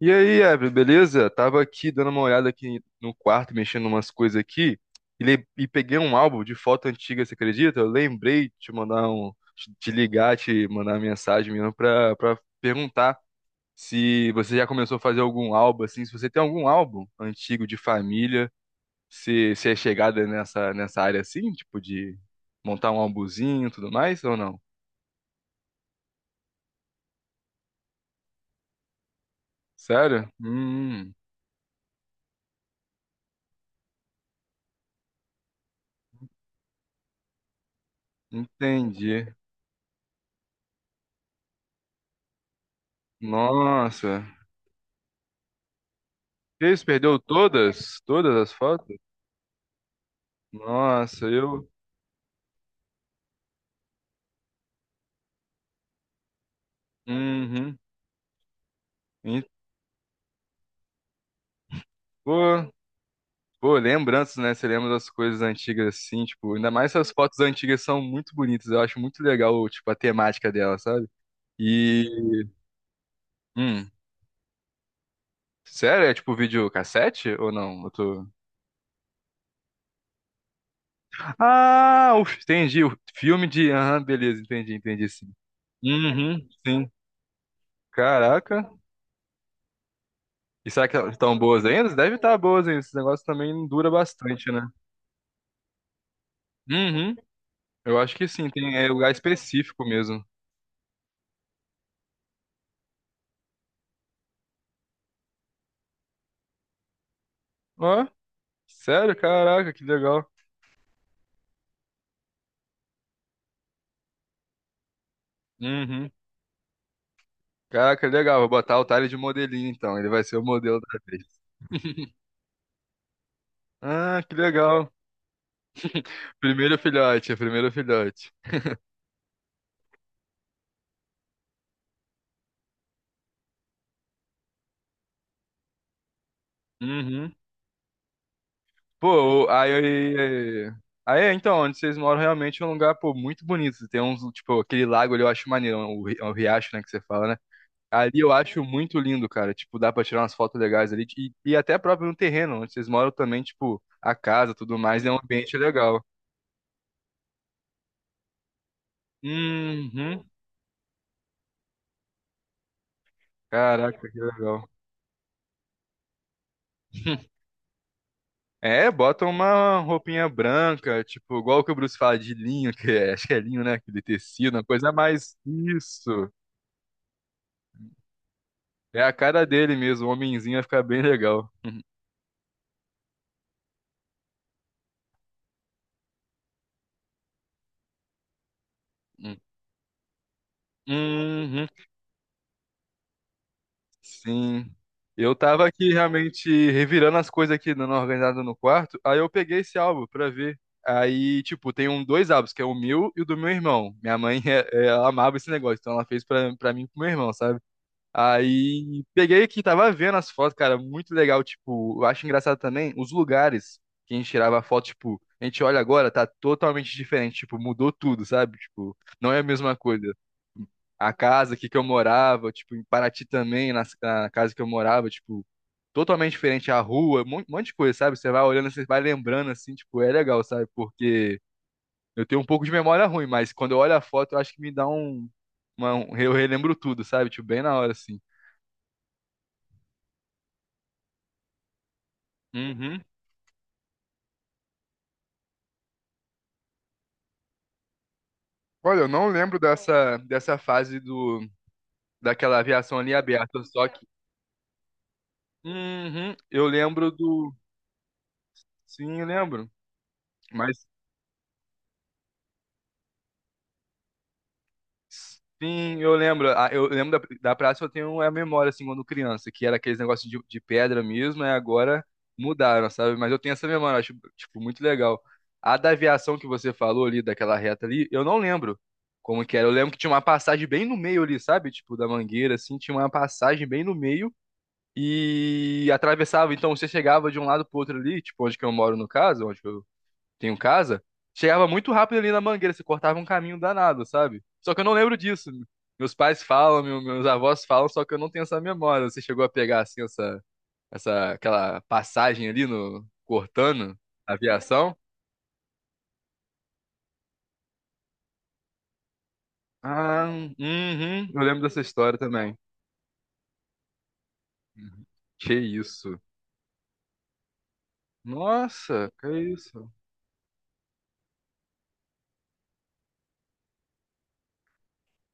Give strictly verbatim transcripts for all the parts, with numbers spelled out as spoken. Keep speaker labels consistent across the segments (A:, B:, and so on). A: E aí, Evelyn, beleza? Tava aqui dando uma olhada aqui no quarto, mexendo umas coisas aqui, e, le- e peguei um álbum de foto antiga, você acredita? Eu lembrei de te mandar um, te te ligar, te mandar uma mensagem mesmo pra, pra perguntar se você já começou a fazer algum álbum, assim, se você tem algum álbum antigo de família, se, se é chegada nessa, nessa área assim, tipo de montar um álbumzinho e tudo mais, ou não? Sério? Hum, entendi. Nossa. Que isso, perdeu todas? Todas as fotos? Nossa, eu. Uhum. E, pô, pô, lembranças, né? Você lembra das coisas antigas assim, tipo, ainda mais essas fotos antigas são muito bonitas. Eu acho muito legal, tipo, a temática dela, sabe? E. Hum. Sério? É tipo videocassete ou não? Eu tô. Ah, o- entendi. O filme de. Aham, beleza, entendi, entendi sim. Uhum, sim. Caraca. E será que elas estão boas ainda? Deve estar boas ainda. Esse negócio também dura bastante, né? Uhum. Eu acho que sim, tem é, lugar específico mesmo. Ó, sério? Caraca, que legal. Uhum. Caraca, legal. Vou botar o Tyler de modelinho, então. Ele vai ser o modelo da vez. Ah, que legal. Primeiro filhote, é primeiro filhote. Uhum. Pô, o- aí, aí, aí, é, então, onde vocês moram realmente é um lugar, pô, muito bonito. Tem uns, tipo, aquele lago ali eu acho maneiro, o, ri- o riacho, né, que você fala, né? Ali eu acho muito lindo, cara. Tipo, dá pra tirar umas fotos legais ali. E, e até próprio no terreno, onde vocês moram também, tipo, a casa, tudo mais, é um ambiente legal. Uhum. Caraca, que legal. É, bota uma roupinha branca, tipo, igual que o Bruce fala de linho, que é, acho que é linho, né? Aquele tecido, uma coisa mais. Isso. É a cara dele mesmo, o homenzinho vai ficar bem legal. Uhum. Sim. Eu tava aqui realmente revirando as coisas aqui, dando uma organizada no quarto. Aí eu peguei esse álbum pra ver. Aí, tipo, tem um, dois álbuns, que é o meu e o do meu irmão. Minha mãe, é- é, ela amava esse negócio, então ela fez pra, pra mim e pro meu irmão, sabe? Aí peguei aqui, tava vendo as fotos, cara, muito legal. Tipo, eu acho engraçado também os lugares que a gente tirava foto, tipo, a gente olha agora, tá totalmente diferente, tipo, mudou tudo, sabe? Tipo, não é a mesma coisa a casa aqui que eu morava, tipo, em Paraty também, nas- na, casa que eu morava, tipo, totalmente diferente a rua, um mon- um monte de coisa, sabe? Você vai olhando, você vai lembrando, assim, tipo, é legal, sabe? Porque eu tenho um pouco de memória ruim, mas quando eu olho a foto, eu acho que me dá um, uma- um- eu relembro tudo, sabe? Tipo, bem na hora, assim. Uhum. Olha, eu não lembro dessa, dessa fase do, daquela aviação ali aberta, só que. Uhum, eu lembro do. Sim, eu lembro. Mas Sim, eu lembro. Ah, Eu lembro da, da praça, eu tenho é a memória, assim, quando criança, que era aqueles negócios de, de pedra mesmo, e agora mudaram, sabe? Mas eu tenho essa memória, eu acho, tipo, muito legal. A da aviação que você falou ali, daquela reta ali, eu não lembro como que era. Eu lembro que tinha uma passagem bem no meio ali, sabe? Tipo, da Mangueira, assim, tinha uma passagem bem no meio e atravessava. Então, você chegava de um lado pro outro ali, tipo, onde que eu moro, no caso, onde que eu tenho casa, chegava muito rápido ali na Mangueira, você cortava um caminho danado, sabe? Só que eu não lembro disso. Meus pais falam, meu- meus avós falam, só que eu não tenho essa memória. Você chegou a pegar assim essa, essa aquela passagem ali no cortando a aviação? Ah, uhum, eu lembro dessa história também. Que isso? Nossa, que isso?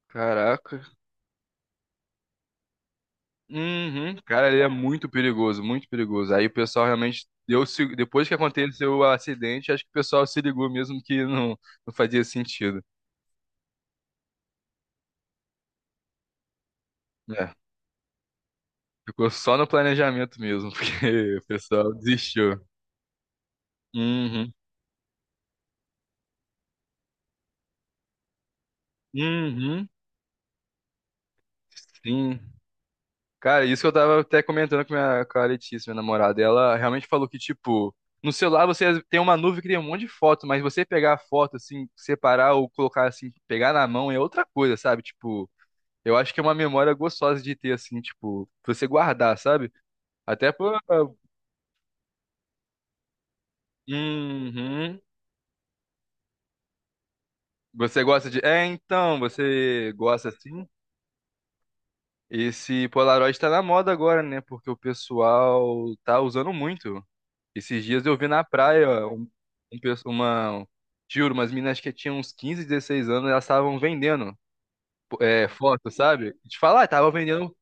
A: Caraca. Uhum, cara, ele é muito perigoso, muito perigoso. Aí o pessoal realmente deu, se- depois que aconteceu o acidente, acho que o pessoal se ligou mesmo que não, não fazia sentido. É, ficou só no planejamento mesmo, porque o pessoal desistiu. Uhum, uhum, sim. Cara, isso que eu tava até comentando com, minha, com a Letícia, minha namorada. Ela realmente falou que, tipo, no celular você tem uma nuvem que tem um monte de foto, mas você pegar a foto, assim, separar ou colocar, assim, pegar na mão é outra coisa, sabe? Tipo. Eu acho que é uma memória gostosa de ter, assim, tipo, pra você guardar, sabe? Até por. Uhum. Você gosta de. É, então, você gosta assim? Esse Polaroid tá na moda agora, né? Porque o pessoal tá usando muito. Esses dias eu vi na praia um, um pe- uma. Juro, umas meninas que tinham uns quinze, dezesseis anos, elas estavam vendendo é, foto, sabe? Te falar, estavam vendendo.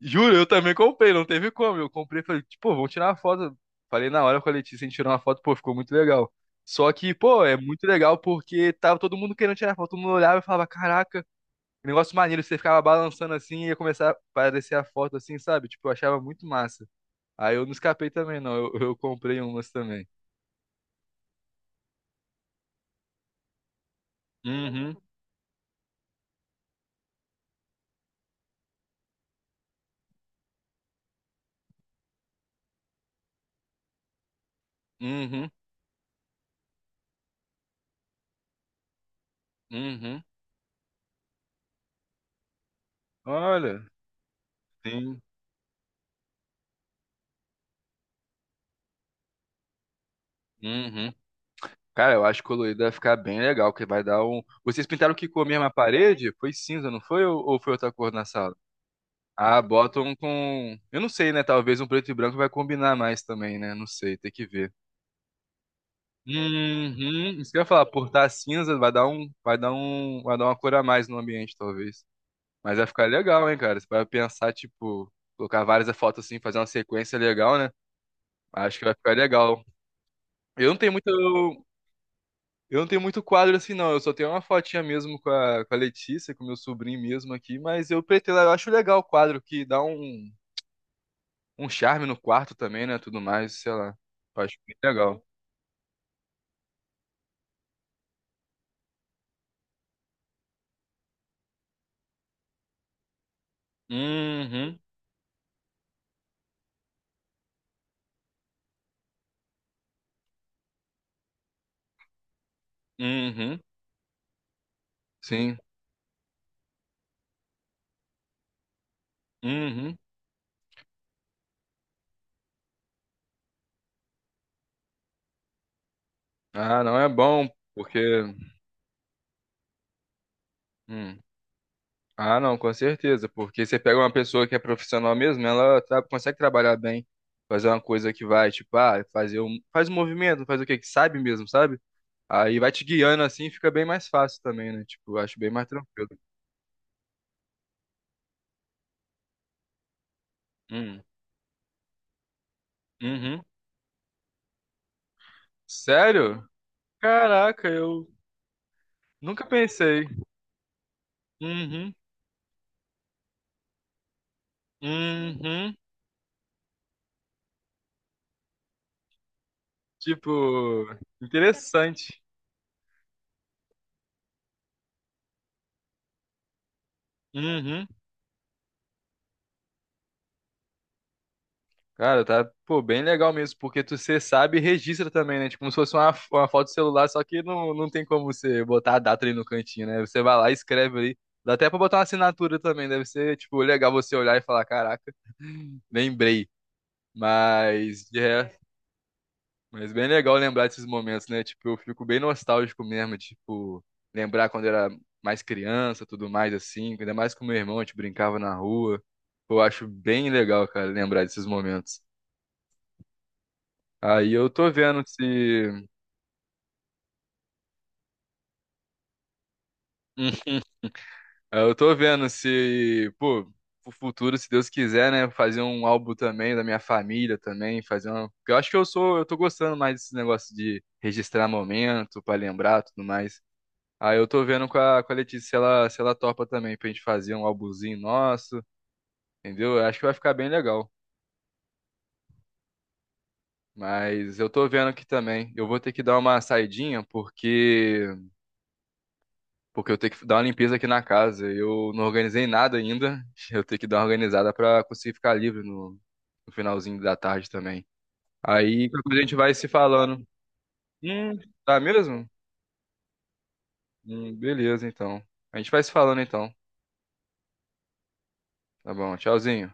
A: Juro, eu também comprei, não teve como. Eu comprei, falei, tipo, vamos tirar uma foto. Falei na hora com a Letícia, a gente tirou uma foto, pô, ficou muito legal. Só que, pô, é muito legal porque tava todo mundo querendo tirar foto, todo mundo olhava e falava, caraca, que negócio maneiro, você ficava balançando assim e ia começar a aparecer a foto assim, sabe? Tipo, eu achava muito massa. Aí eu não escapei também, não, eu, eu comprei umas também. Uhum, uhum, uhum. Olha, sim, uhum. Cara, eu acho que colorido vai ficar bem legal, que vai dar um. Vocês pintaram que com a mesma parede? Foi cinza, não foi? Ou, ou foi outra cor na sala? Ah, botam com. Eu não sei, né? Talvez um preto e branco vai combinar mais também, né? Não sei, tem que ver. Uhum. Isso que eu ia falar, por estar cinza, vai dar um, vai dar um, vai dar uma cor a mais no ambiente, talvez. Mas vai ficar legal, hein, cara? Você vai pensar, tipo, colocar várias fotos assim, fazer uma sequência legal, né? Acho que vai ficar legal. Eu não tenho muito, Eu não tenho muito, quadro assim, não. Eu só tenho uma fotinha mesmo com a, com a Letícia, com o meu sobrinho mesmo aqui, mas eu pretendo, eu acho legal o quadro, que dá um, um charme no quarto também, né? Tudo mais, sei lá. Eu acho muito legal. Uhum, uhum, sim, uhum. Ah, não é bom, porque. Hum. Ah, não, com certeza, porque você pega uma pessoa que é profissional mesmo, ela tra- consegue trabalhar bem, fazer uma coisa que vai, tipo, ah, fazer um. Faz um movimento, faz o quê? Que sabe mesmo, sabe? Aí vai te guiando assim, fica bem mais fácil também, né? Tipo, eu acho bem mais tranquilo. Hum. Uhum. Sério? Caraca, eu nunca pensei. Uhum. Uhum. Tipo, interessante. Uhum. Cara, tá, pô, bem legal mesmo, porque tu você sabe e registra também, né? Tipo, como se fosse uma, fo- uma foto de celular, só que não, não tem como você botar a data ali no cantinho, né? Você vai lá e escreve ali. Dá até pra botar uma assinatura também, deve ser, tipo, legal você olhar e falar, caraca, lembrei. Mas de resto. Mas bem legal lembrar desses momentos, né? Tipo, eu fico bem nostálgico mesmo, tipo, lembrar quando eu era mais criança, tudo mais assim, ainda mais com meu irmão, a gente brincava na rua. Pô, Eu acho bem legal, cara, lembrar desses momentos. Aí eu tô vendo se. Hum, aí Eu tô vendo se, pô, pro futuro, se Deus quiser, né? Fazer um álbum também da minha família também, fazer uma. Porque eu acho que eu sou, eu tô gostando mais desse negócio de registrar momento, pra lembrar, tudo mais. Aí eu tô vendo com a, com a Letícia se ela, se ela topa também pra gente fazer um álbumzinho nosso, entendeu? Eu Acho que vai ficar bem legal. Mas eu tô vendo aqui também. Eu vou ter que dar uma saidinha porque porque eu tenho que dar uma limpeza aqui na casa. Eu não organizei nada ainda. Eu tenho que dar uma organizada pra conseguir ficar livre no, no finalzinho da tarde também. Aí qualquer coisa a gente vai se falando. Hum, tá mesmo? Hum, beleza, então. A gente vai se falando então. Tá bom, tchauzinho.